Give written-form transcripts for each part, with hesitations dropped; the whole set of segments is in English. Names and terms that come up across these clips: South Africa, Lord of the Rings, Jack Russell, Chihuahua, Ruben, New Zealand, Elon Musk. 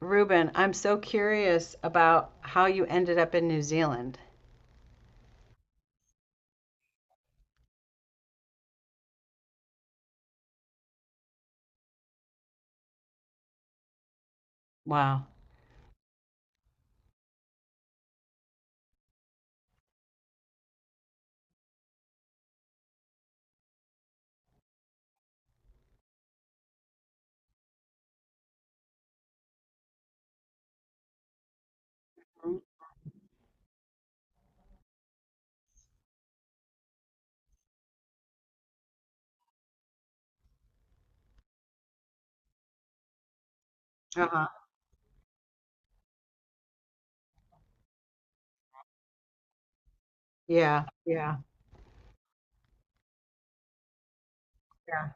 Ruben, I'm so curious about how you ended up in New Zealand. Wow. Uh-huh. Yeah, yeah, yeah.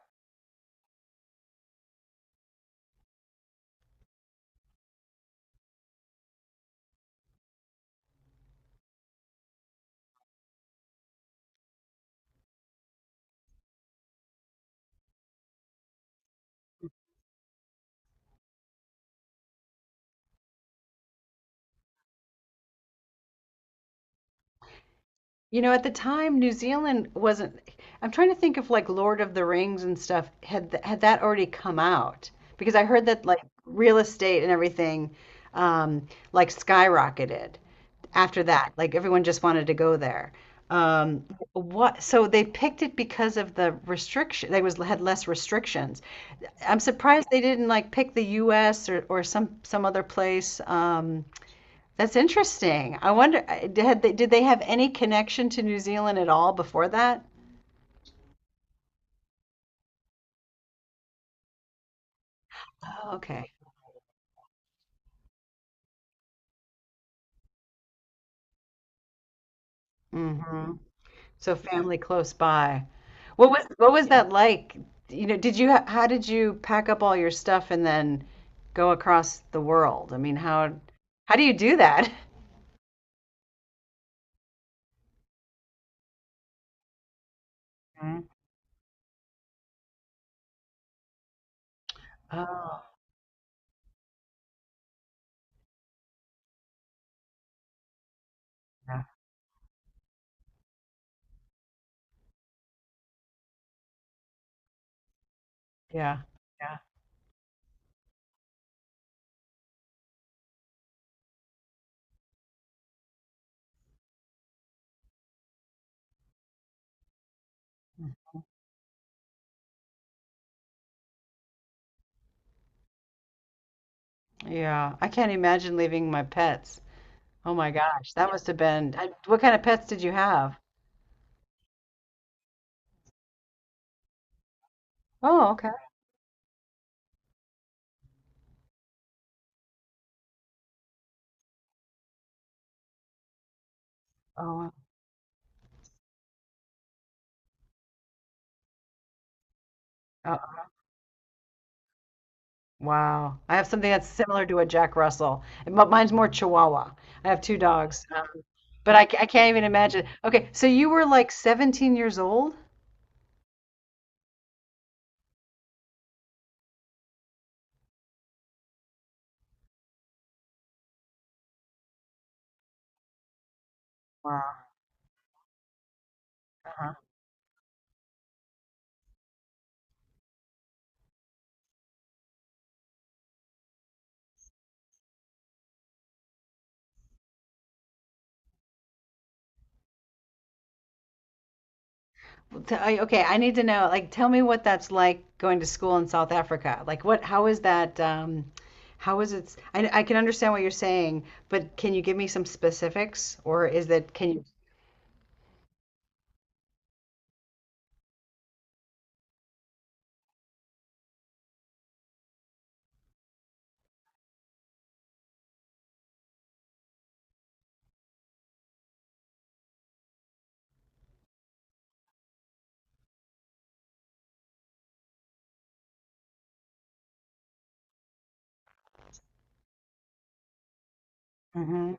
You know, at the time, New Zealand wasn't— I'm trying to think if like Lord of the Rings and stuff had th had that already come out, because I heard that like real estate and everything, um like skyrocketed after that. Like everyone just wanted to go there. Um what, so they picked it because of the restriction, they was— had less restrictions. I'm surprised they didn't like pick the US or some other place. That's interesting. I wonder, did they have any connection to New Zealand at all before that? Oh, okay. Hmm. So family close by. What was that like? You know, did you ha- how did you pack up all your stuff and then go across the world? I mean, how do you do that? Mhm. Oh, yeah, yeah, yeah. Yeah, I can't imagine leaving my pets. Oh my gosh, that must have been. I, what kind of pets did you have? Oh, okay. Oh, wow. Wow. I have something that's similar to a Jack Russell, and but mine's more Chihuahua. I have two dogs, but I, ca- I can't even imagine. Okay, so you were like 17 years old? Wow. Uh-huh. Well, t- I- Okay, I need to know. Like, tell me what that's like going to school in South Africa. Like, what? How is that? How is it? I can understand what you're saying, but can you give me some specifics, or is that— can you? Mm-hmm.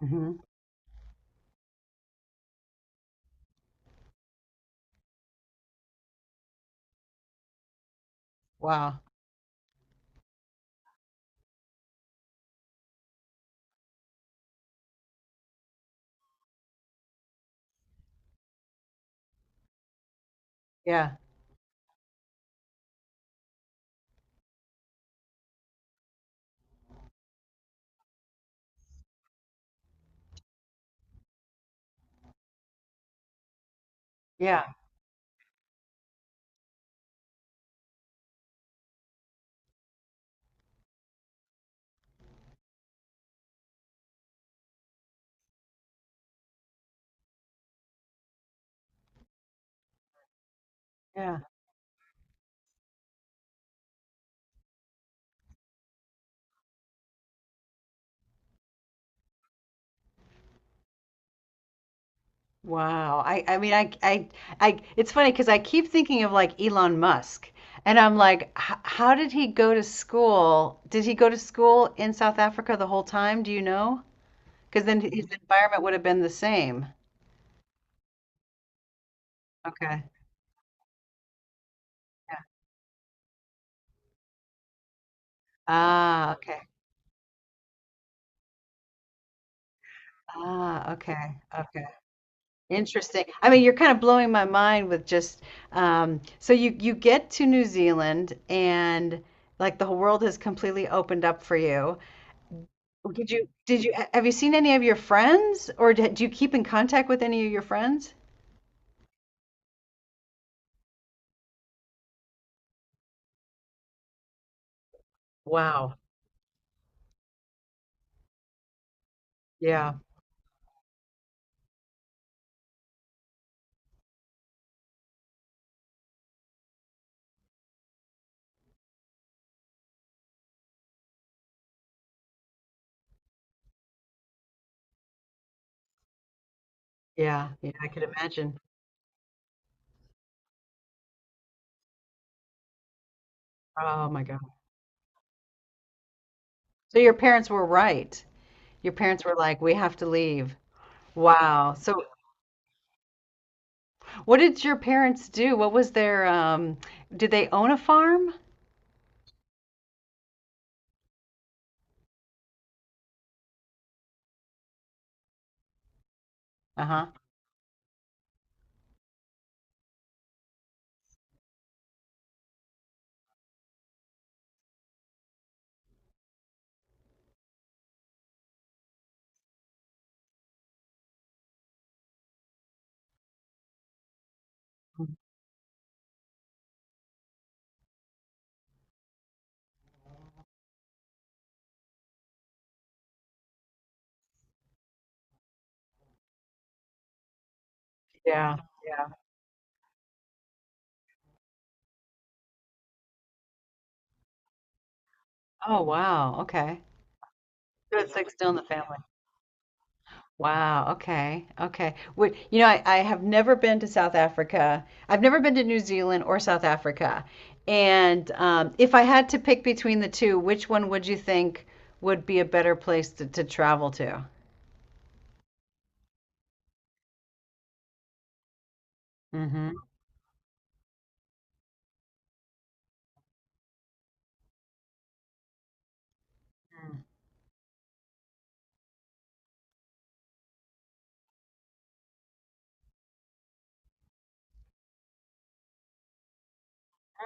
Hmm. Wow. Yeah. Yeah. Yeah. Wow. I mean I— I it's funny because I keep thinking of like Elon Musk, and I'm like h- how did he go to school? Did he go to school in South Africa the whole time? Do you know? Because then his environment would have been the same. Okay. Yeah. Ah, okay. Ah, okay. Okay. Interesting. I mean, you're kind of blowing my mind with just so you get to New Zealand and like the whole world has completely opened up for you. Did you did you— have you seen any of your friends or d- do you keep in contact with any of your friends? Wow. Yeah. Yeah. Yeah, I could imagine. Oh my God. So your parents were right. Your parents were like, "We have to leave." Wow. So what did your parents do? What was their did they own a farm? Uh-huh. Yeah. Yeah. Oh wow. Okay. So it's like still in the family. Wow, okay, okay. Would you know, I have never been to South Africa. I've never been to New Zealand or South Africa. And if I had to pick between the two, which one would you think would be a better place to travel to? Mm-hmm.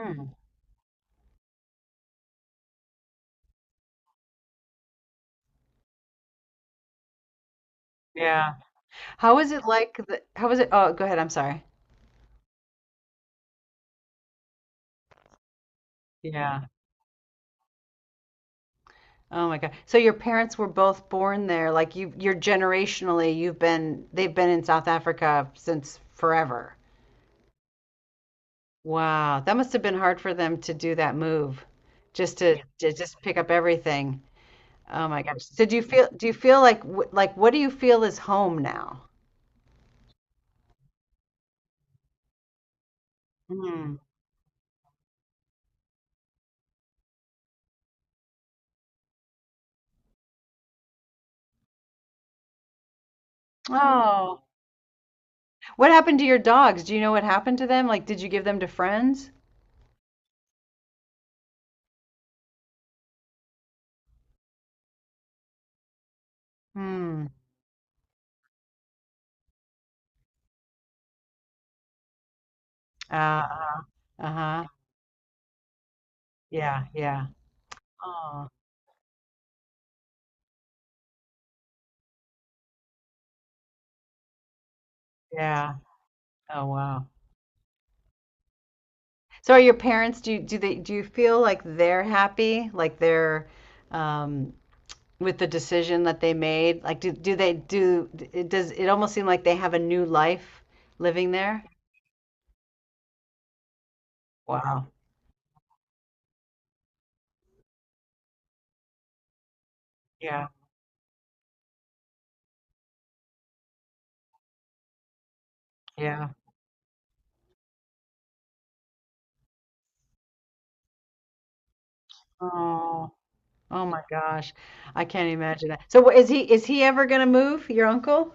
Mm, yeah. How is it like the, how is it? Oh, go ahead. I'm sorry. Yeah. Oh my God. So your parents were both born there. Like you, you're generationally, you've been, they've been in South Africa since forever. Wow, that must have been hard for them to do that move, just to— Yeah. to just pick up everything. Oh my gosh. Yes. So do you feel like wh- like what do you feel is home now? Mm. Oh, what happened to your dogs? Do you know what happened to them? Like, did you give them to friends? Hmm. Uh, uh-huh. Yeah, yeah. Oh, yeah. Oh, wow. So are your parents, do you, do they, do you feel like they're happy? Like they're, um, with the decision that they made? Like, do, do they do it? Does it almost seem like they have a new life living there? Wow. Yeah. Yeah. Oh. Oh my gosh. I can't imagine that. So wh- is he ever gonna move, your uncle?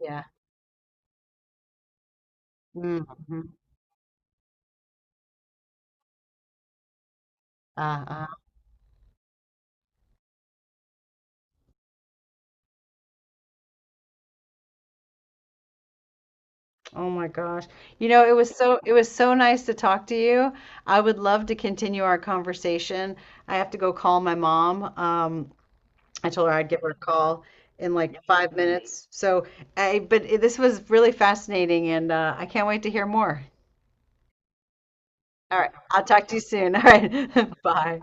Yeah. Mm-hmm. Uh-uh. Oh my gosh. You know, it was so— it was so nice to talk to you. I would love to continue our conversation. I have to go call my mom. I told her I'd give her a call in like 5 minutes. So, I, but it- this was really fascinating and I can't wait to hear more. All right. I'll talk to you soon. All right. Bye.